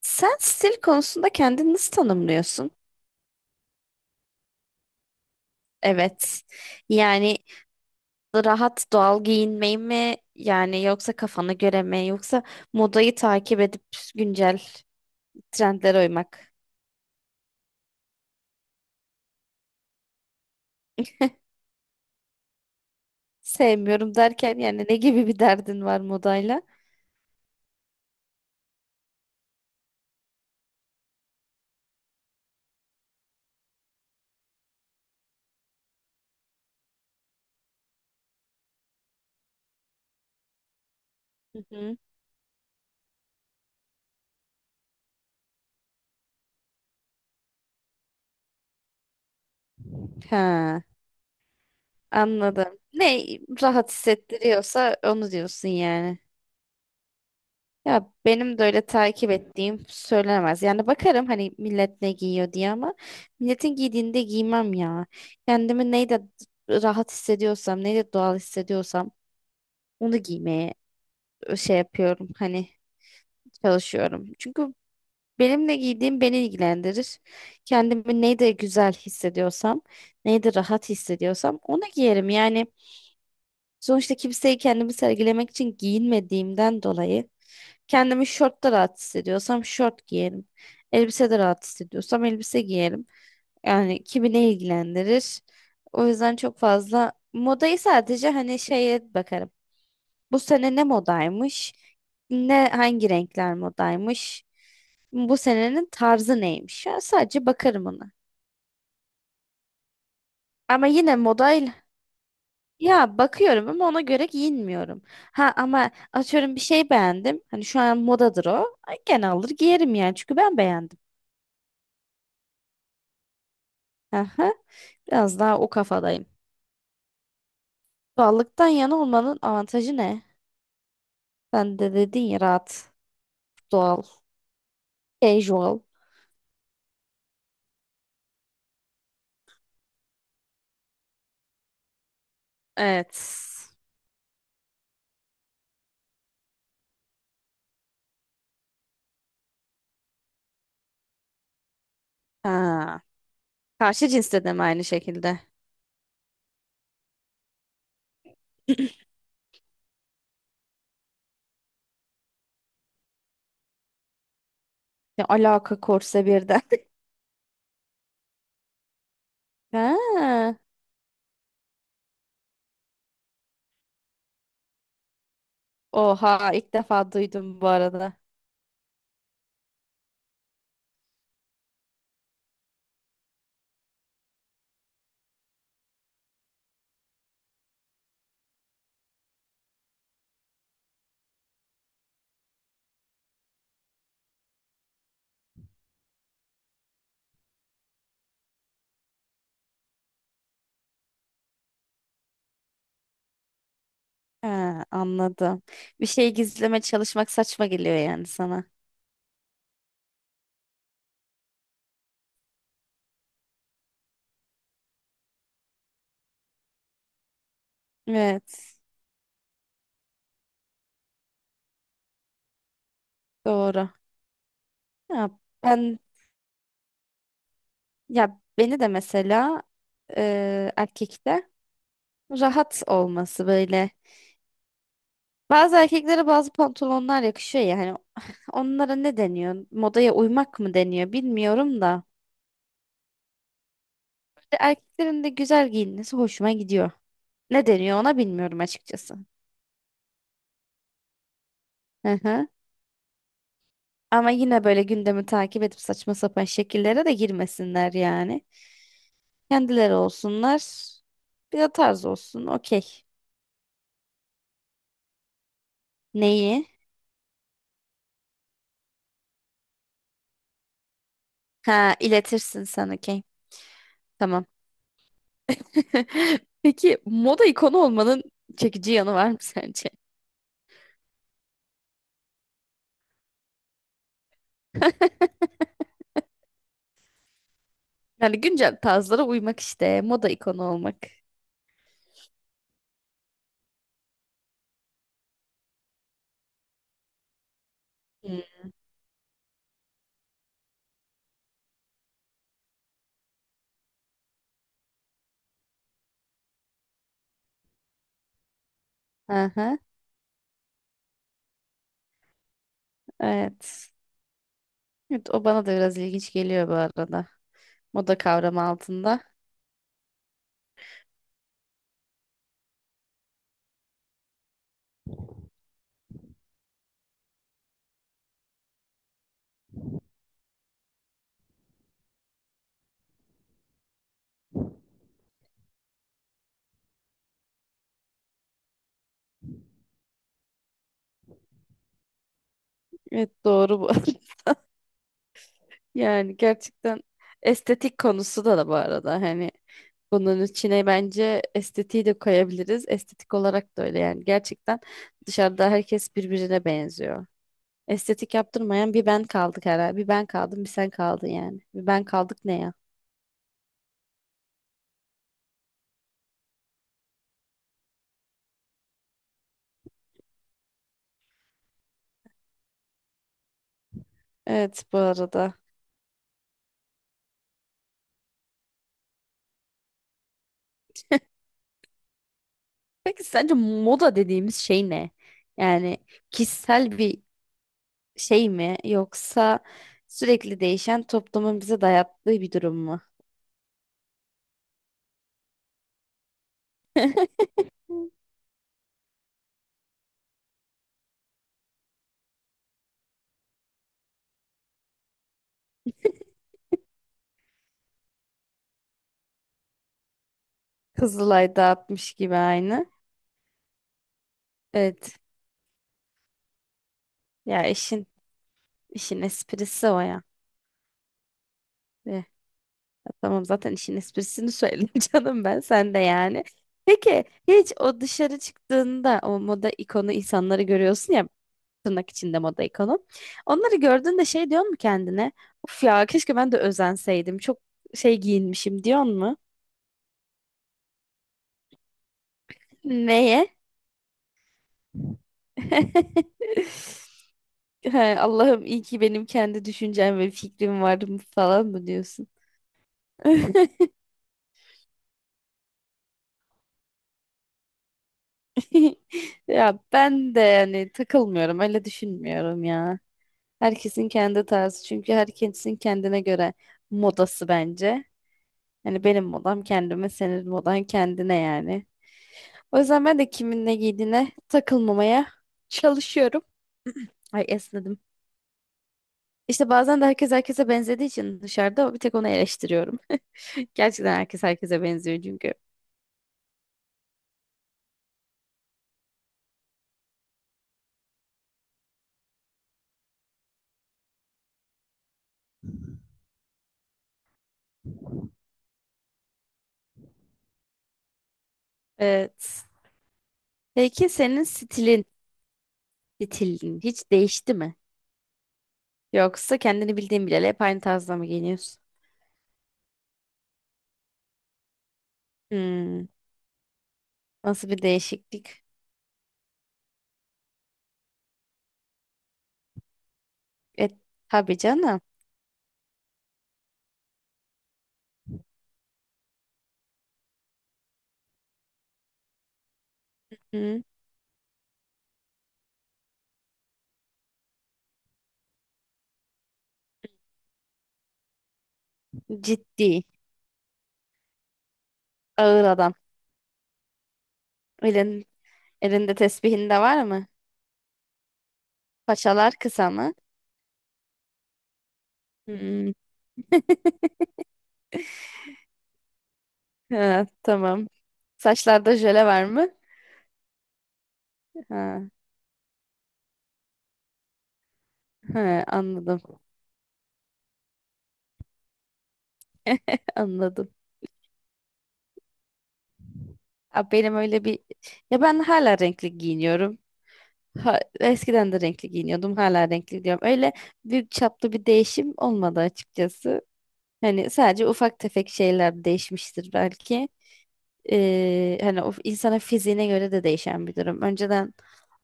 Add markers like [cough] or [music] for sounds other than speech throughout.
Sen stil konusunda kendini nasıl tanımlıyorsun? Evet. Yani Rahat doğal giyinmeyi mi? Yani yoksa kafana göre mi? Yoksa modayı takip edip güncel trendlere uymak? Sevmiyorum derken yani ne gibi bir derdin var modayla? Hı hı. Ha, anladım. Ne rahat hissettiriyorsa onu diyorsun yani. Ya benim de öyle takip ettiğim söylenemez. Yani bakarım hani millet ne giyiyor diye ama milletin giydiğinde giymem ya. Kendimi neyle rahat hissediyorsam, neyle doğal hissediyorsam onu giymeye şey yapıyorum. Hani çalışıyorum. Çünkü benim ne giydiğim beni ilgilendirir. Kendimi neyle güzel hissediyorsam, neyle rahat hissediyorsam onu giyerim. Yani sonuçta kimseyi kendimi sergilemek için giyinmediğimden dolayı kendimi şortta rahat hissediyorsam şort giyerim. Elbisede rahat hissediyorsam elbise giyerim. Yani kimi ne ilgilendirir? O yüzden çok fazla modayı sadece hani şeye bakarım. Bu sene ne modaymış? Ne hangi renkler modaymış? Bu senenin tarzı neymiş? Ya sadece bakarım ona. Ama yine modayla ya bakıyorum ama ona göre giyinmiyorum. Ha ama atıyorum bir şey beğendim. Hani şu an modadır o. Ay, gene alır giyerim yani çünkü ben beğendim. Aha. Biraz daha o kafadayım. Doğallıktan yana olmanın avantajı ne? Ben de dedin ya rahat, doğal, casual. Evet. Ha. Karşı cinste de mi aynı şekilde? [laughs] [clears throat] Ne alaka korse birden. [laughs] Ha. Oha ilk defa duydum bu arada. Ha, anladım. Bir şey gizleme çalışmak saçma geliyor yani sana. Evet, doğru. Ya ben ya beni de mesela erkekte rahat olması böyle bazı erkeklere bazı pantolonlar yakışıyor ya hani [laughs] onlara ne deniyor? Modaya uymak mı deniyor bilmiyorum da. Bir de erkeklerin de güzel giyinmesi hoşuma gidiyor. Ne deniyor ona bilmiyorum açıkçası. Hı hı. Ama yine böyle gündemi takip edip saçma sapan şekillere de girmesinler yani. Kendileri olsunlar. Bir de tarz olsun. Okey. Neyi? Ha iletirsin sen okey. Tamam. [laughs] Peki moda ikonu olmanın çekici yanı var mı sence? Yani güncel tarzlara uymak işte. Moda ikonu olmak. Hmm. Aha, evet. Evet, o bana da biraz ilginç geliyor bu arada. Moda kavramı altında. Evet, doğru bu. [laughs] Yani gerçekten estetik konusu da da bu arada. Hani bunun içine bence estetiği de koyabiliriz. Estetik olarak da öyle yani. Gerçekten dışarıda herkes birbirine benziyor. Estetik yaptırmayan bir ben kaldık herhalde. Bir ben kaldım, bir sen kaldın yani. Bir ben kaldık ne ya? Evet bu arada. Peki sence moda dediğimiz şey ne? Yani kişisel bir şey mi yoksa sürekli değişen toplumun bize dayattığı bir durum mu? Kızılay dağıtmış gibi aynı. Evet. Ya işin esprisi o ya. Eh, ya tamam zaten işin esprisini söyledim [laughs] canım ben sen de yani. Peki hiç o dışarı çıktığında o moda ikonu insanları görüyorsun ya tırnak içinde moda ikonu. Onları gördüğünde şey diyor mu kendine? Uf ya keşke ben de özenseydim. Çok şey giyinmişim diyor mu? Neye? [laughs] He, Allah'ım iyi ki benim kendi düşüncem ve fikrim var mı falan mı diyorsun? [laughs] Ya ben de yani takılmıyorum, öyle düşünmüyorum ya. Herkesin kendi tarzı çünkü herkesin kendine göre modası bence. Yani benim modam kendime, senin modan kendine yani. O yüzden ben de kimin ne giydiğine takılmamaya çalışıyorum. Ay esnedim. İşte bazen de herkes herkese benzediği için dışarıda bir tek onu eleştiriyorum. [laughs] Gerçekten herkes herkese benziyor çünkü. Evet. Peki senin stilin hiç değişti mi? Yoksa kendini bildiğin bileli hep aynı tarzda mı giyiniyorsun? Hmm, nasıl bir değişiklik? E, tabii canım. Hı, ciddi. Ağır adam. Öyle elinde tesbihin de var mı? Paçalar kısa mı? Hmm. Ha, tamam. Saçlarda jöle var mı? Ha, ha, anladım. Anladım. Abi benim öyle bir... Ya ben hala renkli giyiniyorum. Ha, eskiden de renkli giyiniyordum. Hala renkli diyorum. Öyle büyük çaplı bir değişim olmadı açıkçası. Hani sadece ufak tefek şeyler değişmiştir belki. Hani o insana fiziğine göre de değişen bir durum. Önceden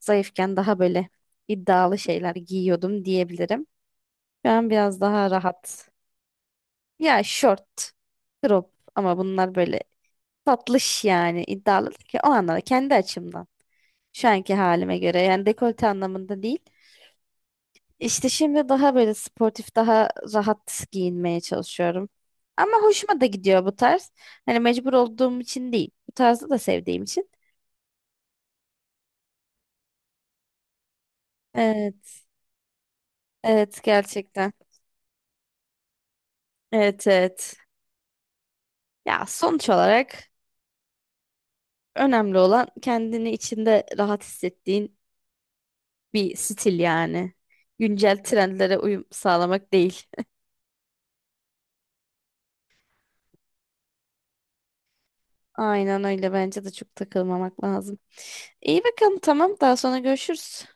zayıfken daha böyle iddialı şeyler giyiyordum diyebilirim. Şu an biraz daha rahat. Ya şort, crop ama bunlar böyle tatlış yani iddialı değil ki o anlamda kendi açımdan. Şu anki halime göre yani dekolte anlamında değil. İşte şimdi daha böyle sportif, daha rahat giyinmeye çalışıyorum. Ama hoşuma da gidiyor bu tarz. Hani mecbur olduğum için değil. Bu tarzı da sevdiğim için. Evet gerçekten. Evet evet. Ya sonuç olarak önemli olan kendini içinde rahat hissettiğin bir stil yani. Güncel trendlere uyum sağlamak değil. Aynen öyle bence de çok takılmamak lazım. İyi bakalım tamam daha sonra görüşürüz.